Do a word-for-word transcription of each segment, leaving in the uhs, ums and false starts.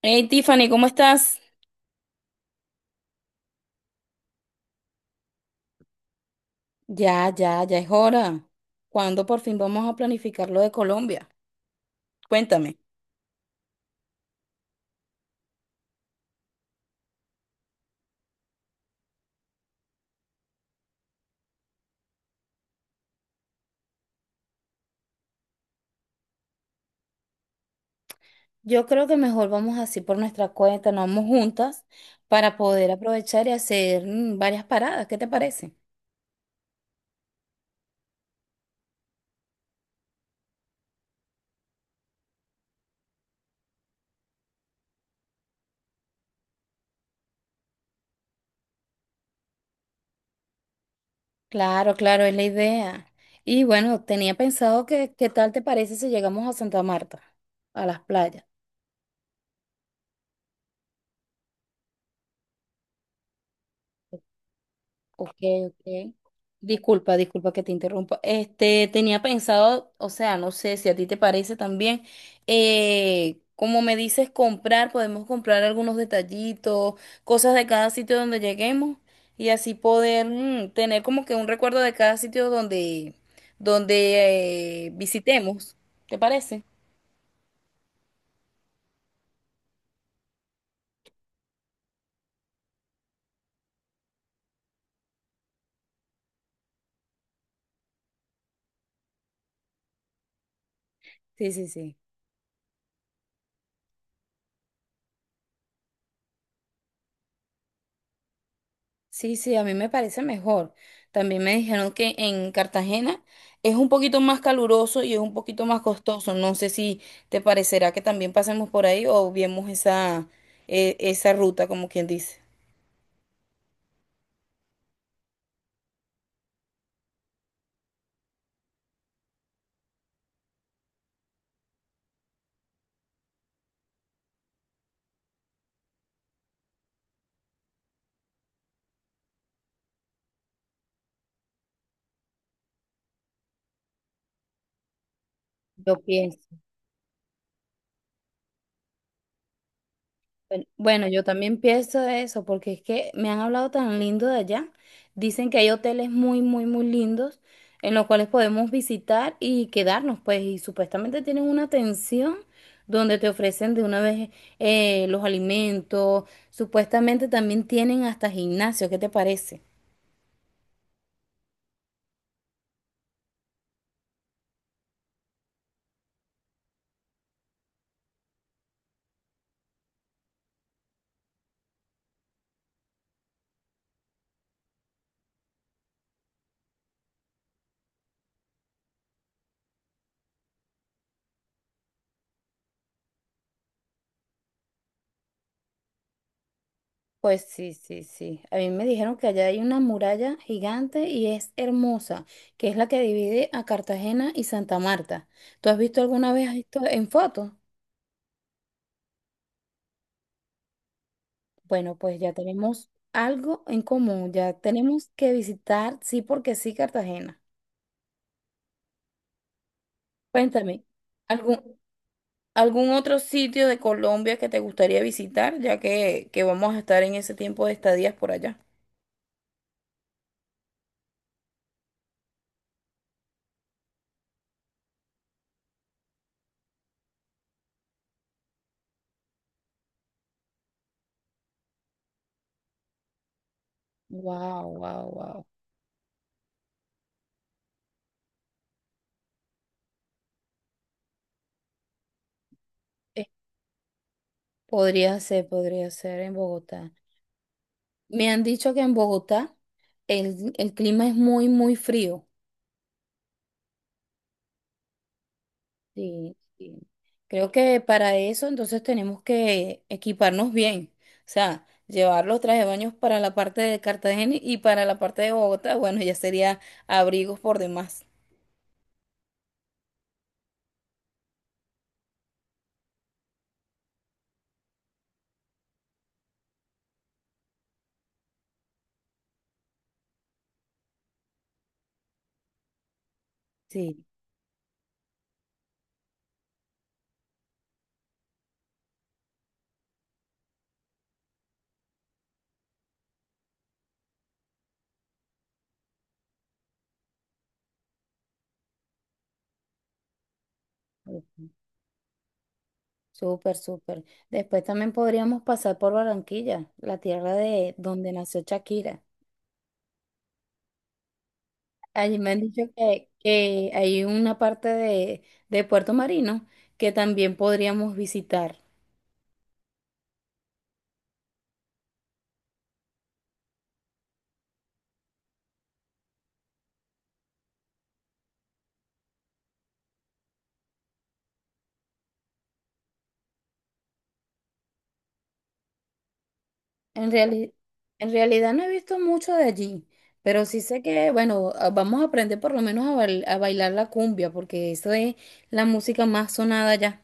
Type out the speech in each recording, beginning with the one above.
Hey Tiffany, ¿cómo estás? Ya, ya, ya es hora. ¿Cuándo por fin vamos a planificar lo de Colombia? Cuéntame. Yo creo que mejor vamos así por nuestra cuenta, nos vamos juntas para poder aprovechar y hacer mm, varias paradas. ¿Qué te parece? Claro, claro, es la idea. Y bueno, tenía pensado que, ¿qué tal te parece si llegamos a Santa Marta, a las playas? Ok, ok. Disculpa, disculpa que te interrumpa. Este, tenía pensado, o sea, no sé si a ti te parece también, eh, como me dices comprar, podemos comprar algunos detallitos, cosas de cada sitio donde lleguemos y así poder mm, tener como que un recuerdo de cada sitio donde, donde eh, visitemos. ¿Te parece? Sí, sí, sí. Sí, sí, a mí me parece mejor. También me dijeron que en Cartagena es un poquito más caluroso y es un poquito más costoso. No sé si te parecerá que también pasemos por ahí o viemos esa, eh, esa ruta, como quien dice. Yo pienso. Bueno, bueno, yo también pienso eso, porque es que me han hablado tan lindo de allá. Dicen que hay hoteles muy, muy, muy lindos en los cuales podemos visitar y quedarnos, pues, y supuestamente tienen una atención donde te ofrecen de una vez eh, los alimentos, supuestamente también tienen hasta gimnasio, ¿qué te parece? Pues sí, sí, sí. A mí me dijeron que allá hay una muralla gigante y es hermosa, que es la que divide a Cartagena y Santa Marta. ¿Tú has visto alguna vez esto en fotos? Bueno, pues ya tenemos algo en común, ya tenemos que visitar, sí porque sí, Cartagena. Cuéntame, ¿algún, algún otro sitio de Colombia que te gustaría visitar, ya que, que vamos a estar en ese tiempo de estadías por allá? Wow, wow, wow. Podría ser, podría ser en Bogotá. Me han dicho que en Bogotá el, el clima es muy, muy frío. Sí, sí. Creo que para eso entonces tenemos que equiparnos bien, o sea, llevar los trajes de baños para la parte de Cartagena y para la parte de Bogotá, bueno, ya sería abrigos por demás. Sí, ok. Súper, súper. Después también podríamos pasar por Barranquilla, la tierra de donde nació Shakira. Allí me han dicho que, que hay una parte de, de Puerto Marino que también podríamos visitar. En reali- en realidad no he visto mucho de allí, pero sí sé que, bueno, a- vamos a aprender por lo menos a, bail- a bailar la cumbia, porque eso es la música más sonada ya.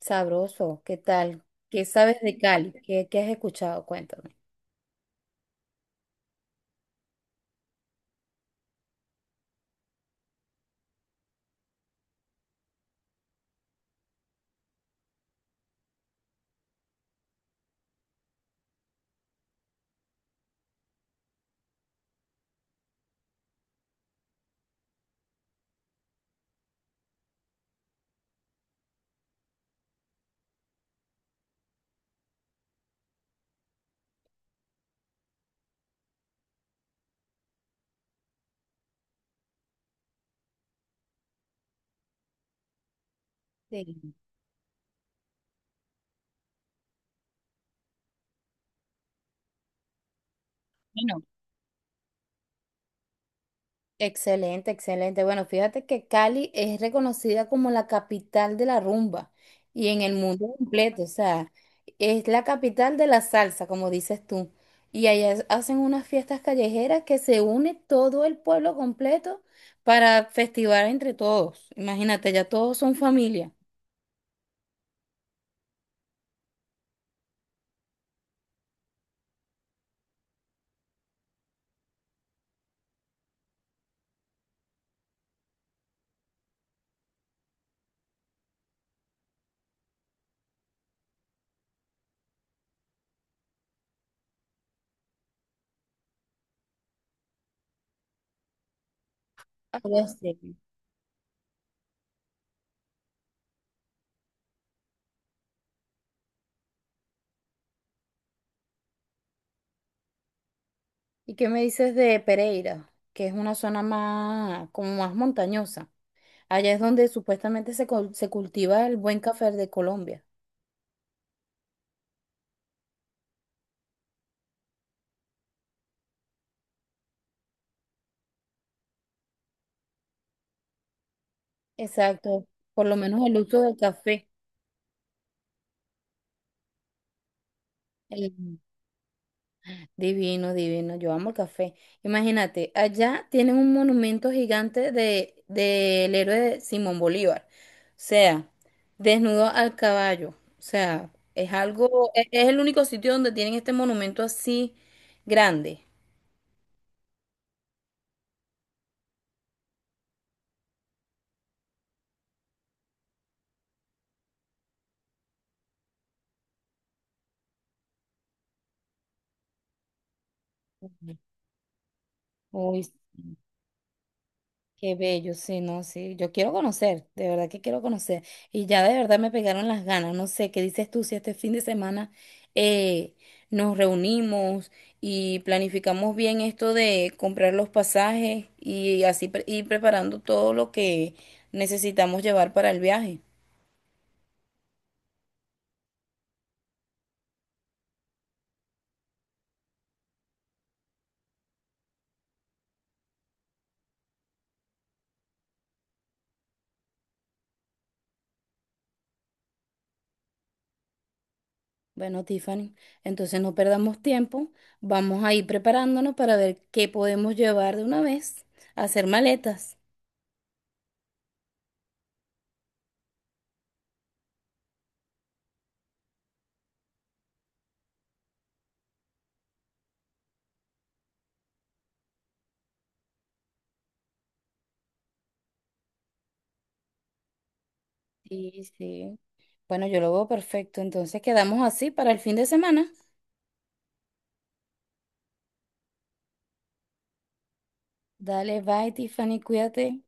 Sabroso, ¿qué tal? ¿Qué sabes de Cali? ¿Qué, qué has escuchado? Cuéntame. Sí. Bueno, excelente, excelente. Bueno, fíjate que Cali es reconocida como la capital de la rumba y en el mundo completo, o sea, es la capital de la salsa, como dices tú. Y allá es- hacen unas fiestas callejeras que se une todo el pueblo completo para festivar entre todos. Imagínate, ya todos son familia. Algo así. ¿Y qué me dices de Pereira, que es una zona más, como más montañosa? Allá es donde supuestamente se, cul- se cultiva el buen café de Colombia. Exacto, por lo menos el uso del café. el- Divino, divino, yo amo el café. Imagínate, allá tienen un monumento gigante de, del héroe de Simón Bolívar, o sea, desnudo al caballo, o sea, es algo, es, es el único sitio donde tienen este monumento así grande. Uy, qué bello, sí, no, sí. Yo quiero conocer, de verdad que quiero conocer. Y ya de verdad me pegaron las ganas. No sé, ¿qué dices tú si este fin de semana eh, nos reunimos y planificamos bien esto de comprar los pasajes y así pre- ir preparando todo lo que necesitamos llevar para el viaje? Bueno, Tiffany, entonces no perdamos tiempo. Vamos a ir preparándonos para ver qué podemos llevar de una vez, hacer maletas. Sí, sí. Bueno, yo lo veo perfecto. Entonces quedamos así para el fin de semana. Dale, bye, Tiffany, cuídate.